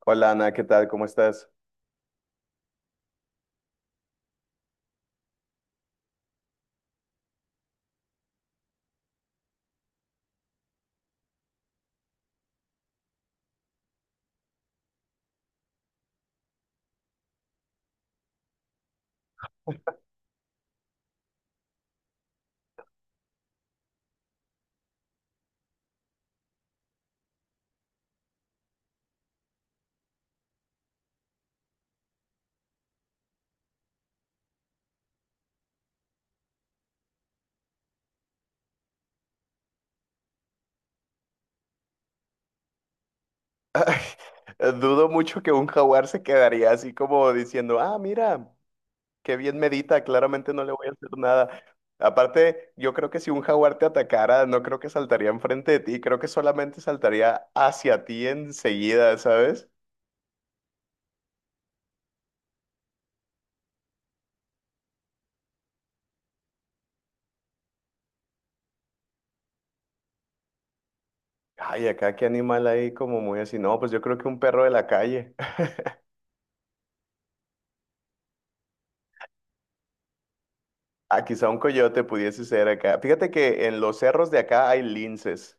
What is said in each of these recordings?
Hola Ana, ¿qué tal? ¿Cómo estás? Dudo mucho que un jaguar se quedaría así como diciendo, ah, mira, qué bien medita, claramente no le voy a hacer nada. Aparte, yo creo que si un jaguar te atacara, no creo que saltaría enfrente de ti, creo que solamente saltaría hacia ti enseguida, ¿sabes? Ay, acá qué animal hay como muy así. No, pues yo creo que un perro de la calle. Ah, quizá un coyote pudiese ser acá. Fíjate que en los cerros de acá hay linces.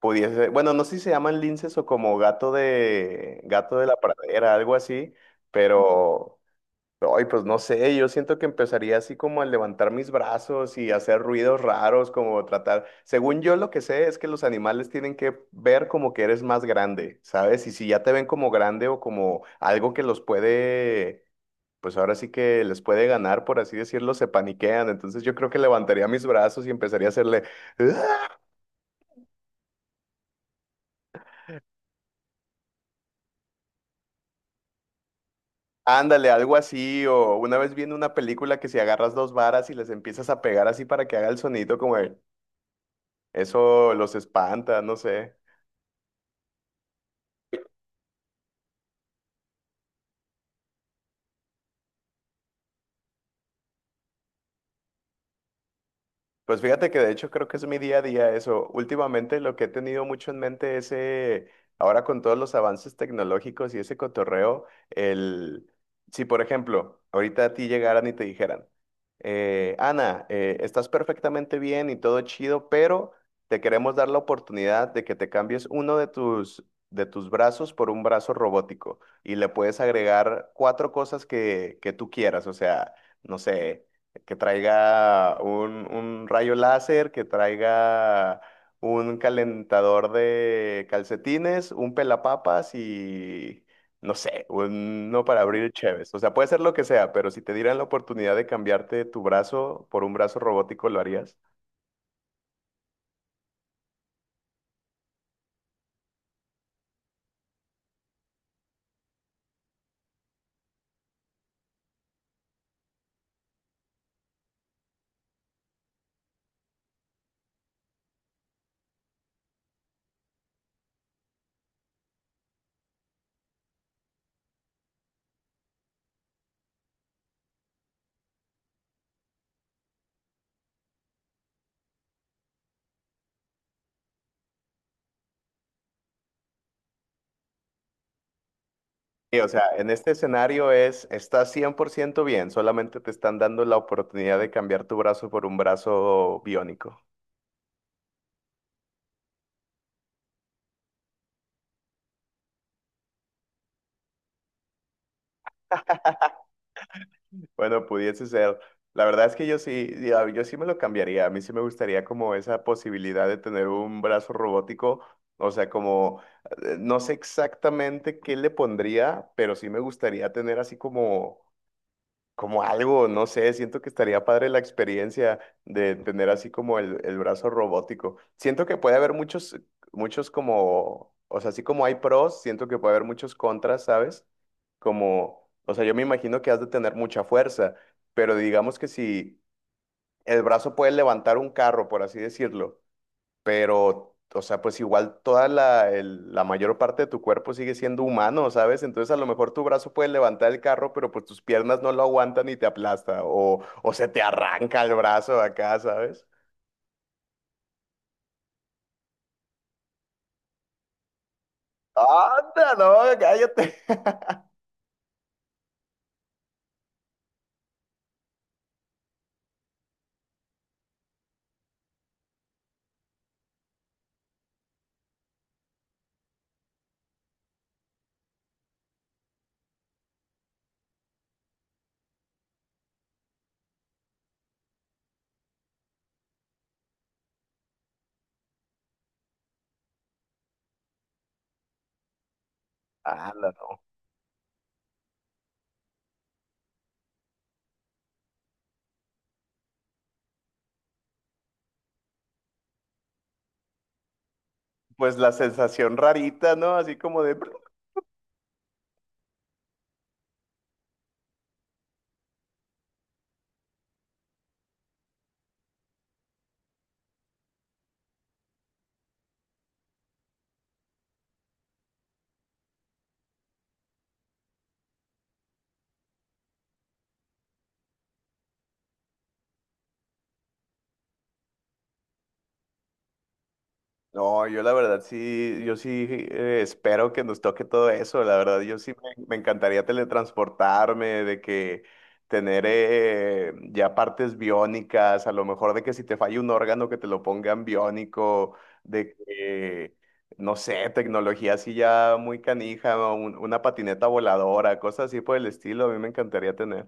Pudiese, bueno, no sé si se llaman linces o como gato de la pradera, algo así, pero ay, pues no sé, yo siento que empezaría así como a levantar mis brazos y hacer ruidos raros, como tratar, según yo lo que sé es que los animales tienen que ver como que eres más grande, ¿sabes? Y si ya te ven como grande o como algo que los puede, pues ahora sí que les puede ganar, por así decirlo, se paniquean, entonces yo creo que levantaría mis brazos y empezaría a hacerle. Ándale, algo así, o una vez viendo una película que si agarras dos varas y les empiezas a pegar así para que haga el sonido como de, eso los espanta, no sé. Pues fíjate que de hecho creo que es mi día a día eso. Últimamente lo que he tenido mucho en mente es, ahora con todos los avances tecnológicos y ese cotorreo, el, si por ejemplo, ahorita a ti llegaran y te dijeran, Ana, estás perfectamente bien y todo chido, pero te queremos dar la oportunidad de que te cambies uno de tus, brazos por un brazo robótico y le puedes agregar cuatro cosas que tú quieras, o sea... No sé, que traiga un rayo láser, que traiga un calentador de calcetines, un pelapapas y no sé, uno para abrir cheves. O sea, puede ser lo que sea, pero si te dieran la oportunidad de cambiarte tu brazo por un brazo robótico, ¿lo harías? Sí, o sea, en este escenario es, estás 100% bien, solamente te están dando la oportunidad de cambiar tu brazo por un brazo biónico. Bueno, pudiese ser. La verdad es que yo sí, yo sí me lo cambiaría. A mí sí me gustaría como esa posibilidad de tener un brazo robótico. O sea, como, no sé exactamente qué le pondría, pero sí me gustaría tener así como, como algo, no sé, siento que estaría padre la experiencia de tener así como el brazo robótico. Siento que puede haber muchos, muchos como, o sea, así como hay pros, siento que puede haber muchos contras, ¿sabes? Como, o sea, yo me imagino que has de tener mucha fuerza, pero digamos que si el brazo puede levantar un carro, por así decirlo, pero, o sea, pues igual toda la mayor parte de tu cuerpo sigue siendo humano, ¿sabes? Entonces a lo mejor tu brazo puede levantar el carro, pero pues tus piernas no lo aguantan y te aplasta, o se te arranca el brazo acá, ¿sabes? ¡Anda, no! ¡Cállate! ¡Anda, no! Pues la sensación rarita, ¿no? Así como de... No, yo la verdad sí, yo sí espero que nos toque todo eso. La verdad, yo sí me encantaría teletransportarme, de que tener ya partes biónicas, a lo mejor de que si te falla un órgano que te lo pongan biónico, de que, no sé, tecnología así ya muy canija, ¿no? una patineta voladora, cosas así por el estilo, a mí me encantaría tener.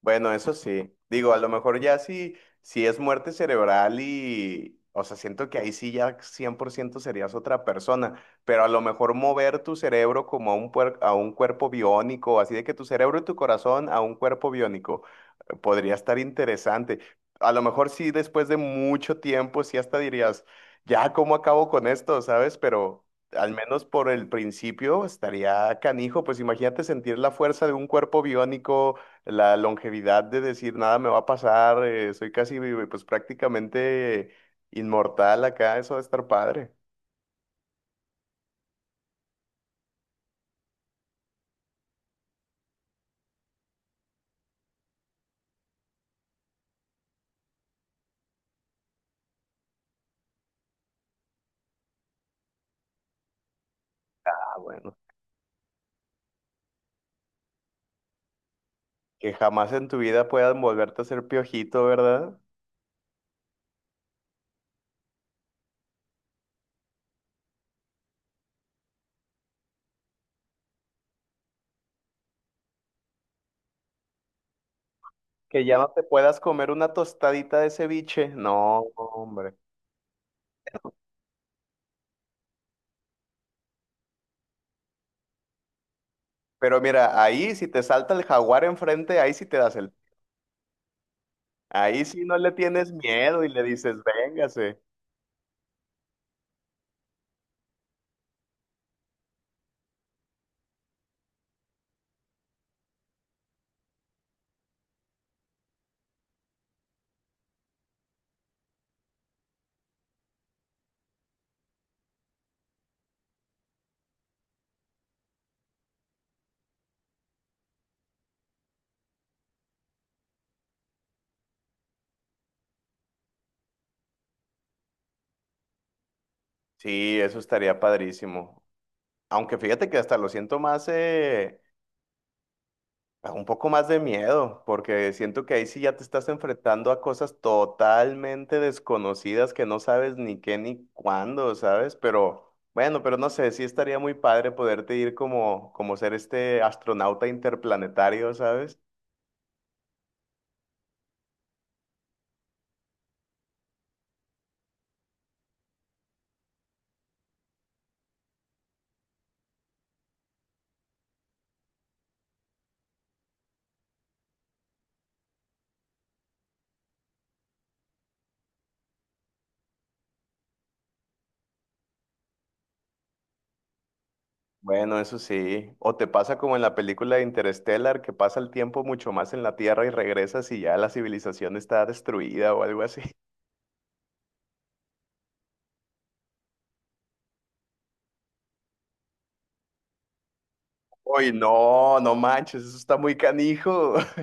Bueno, eso sí. Digo, a lo mejor ya sí, si es muerte cerebral y, o sea, siento que ahí sí ya 100% serías otra persona, pero a lo mejor mover tu cerebro como a a un cuerpo biónico, así de que tu cerebro y tu corazón a un cuerpo biónico, podría estar interesante. A lo mejor sí, después de mucho tiempo, sí hasta dirías, ya, ¿cómo acabo con esto? ¿Sabes? Pero... Al menos por el principio estaría canijo, pues imagínate sentir la fuerza de un cuerpo biónico, la longevidad de decir nada me va a pasar, soy casi pues prácticamente inmortal acá, eso de estar padre. Ah, bueno. Que jamás en tu vida puedas volverte a ser piojito, ¿verdad? Que ya no te puedas comer una tostadita de ceviche. No, hombre. Pero mira, ahí si te salta el jaguar enfrente, ahí sí te das el... Ahí sí no le tienes miedo y le dices, véngase. Sí, eso estaría padrísimo. Aunque fíjate que hasta lo siento más, Ah, un poco más de miedo, porque siento que ahí sí ya te estás enfrentando a cosas totalmente desconocidas que no sabes ni qué ni cuándo, ¿sabes? Pero bueno, pero no sé, sí estaría muy padre poderte ir como, como ser este astronauta interplanetario, ¿sabes? Bueno, eso sí. O te pasa como en la película de Interstellar, que pasa el tiempo mucho más en la Tierra y regresas y ya la civilización está destruida o algo así. Uy, no, no manches, eso está muy canijo.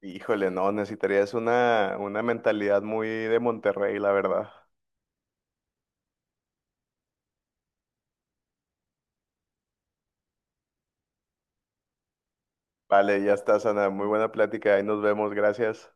Híjole, no, necesitarías una mentalidad muy de Monterrey, la verdad. Vale, ya está, Sana. Muy buena plática. Ahí nos vemos. Gracias.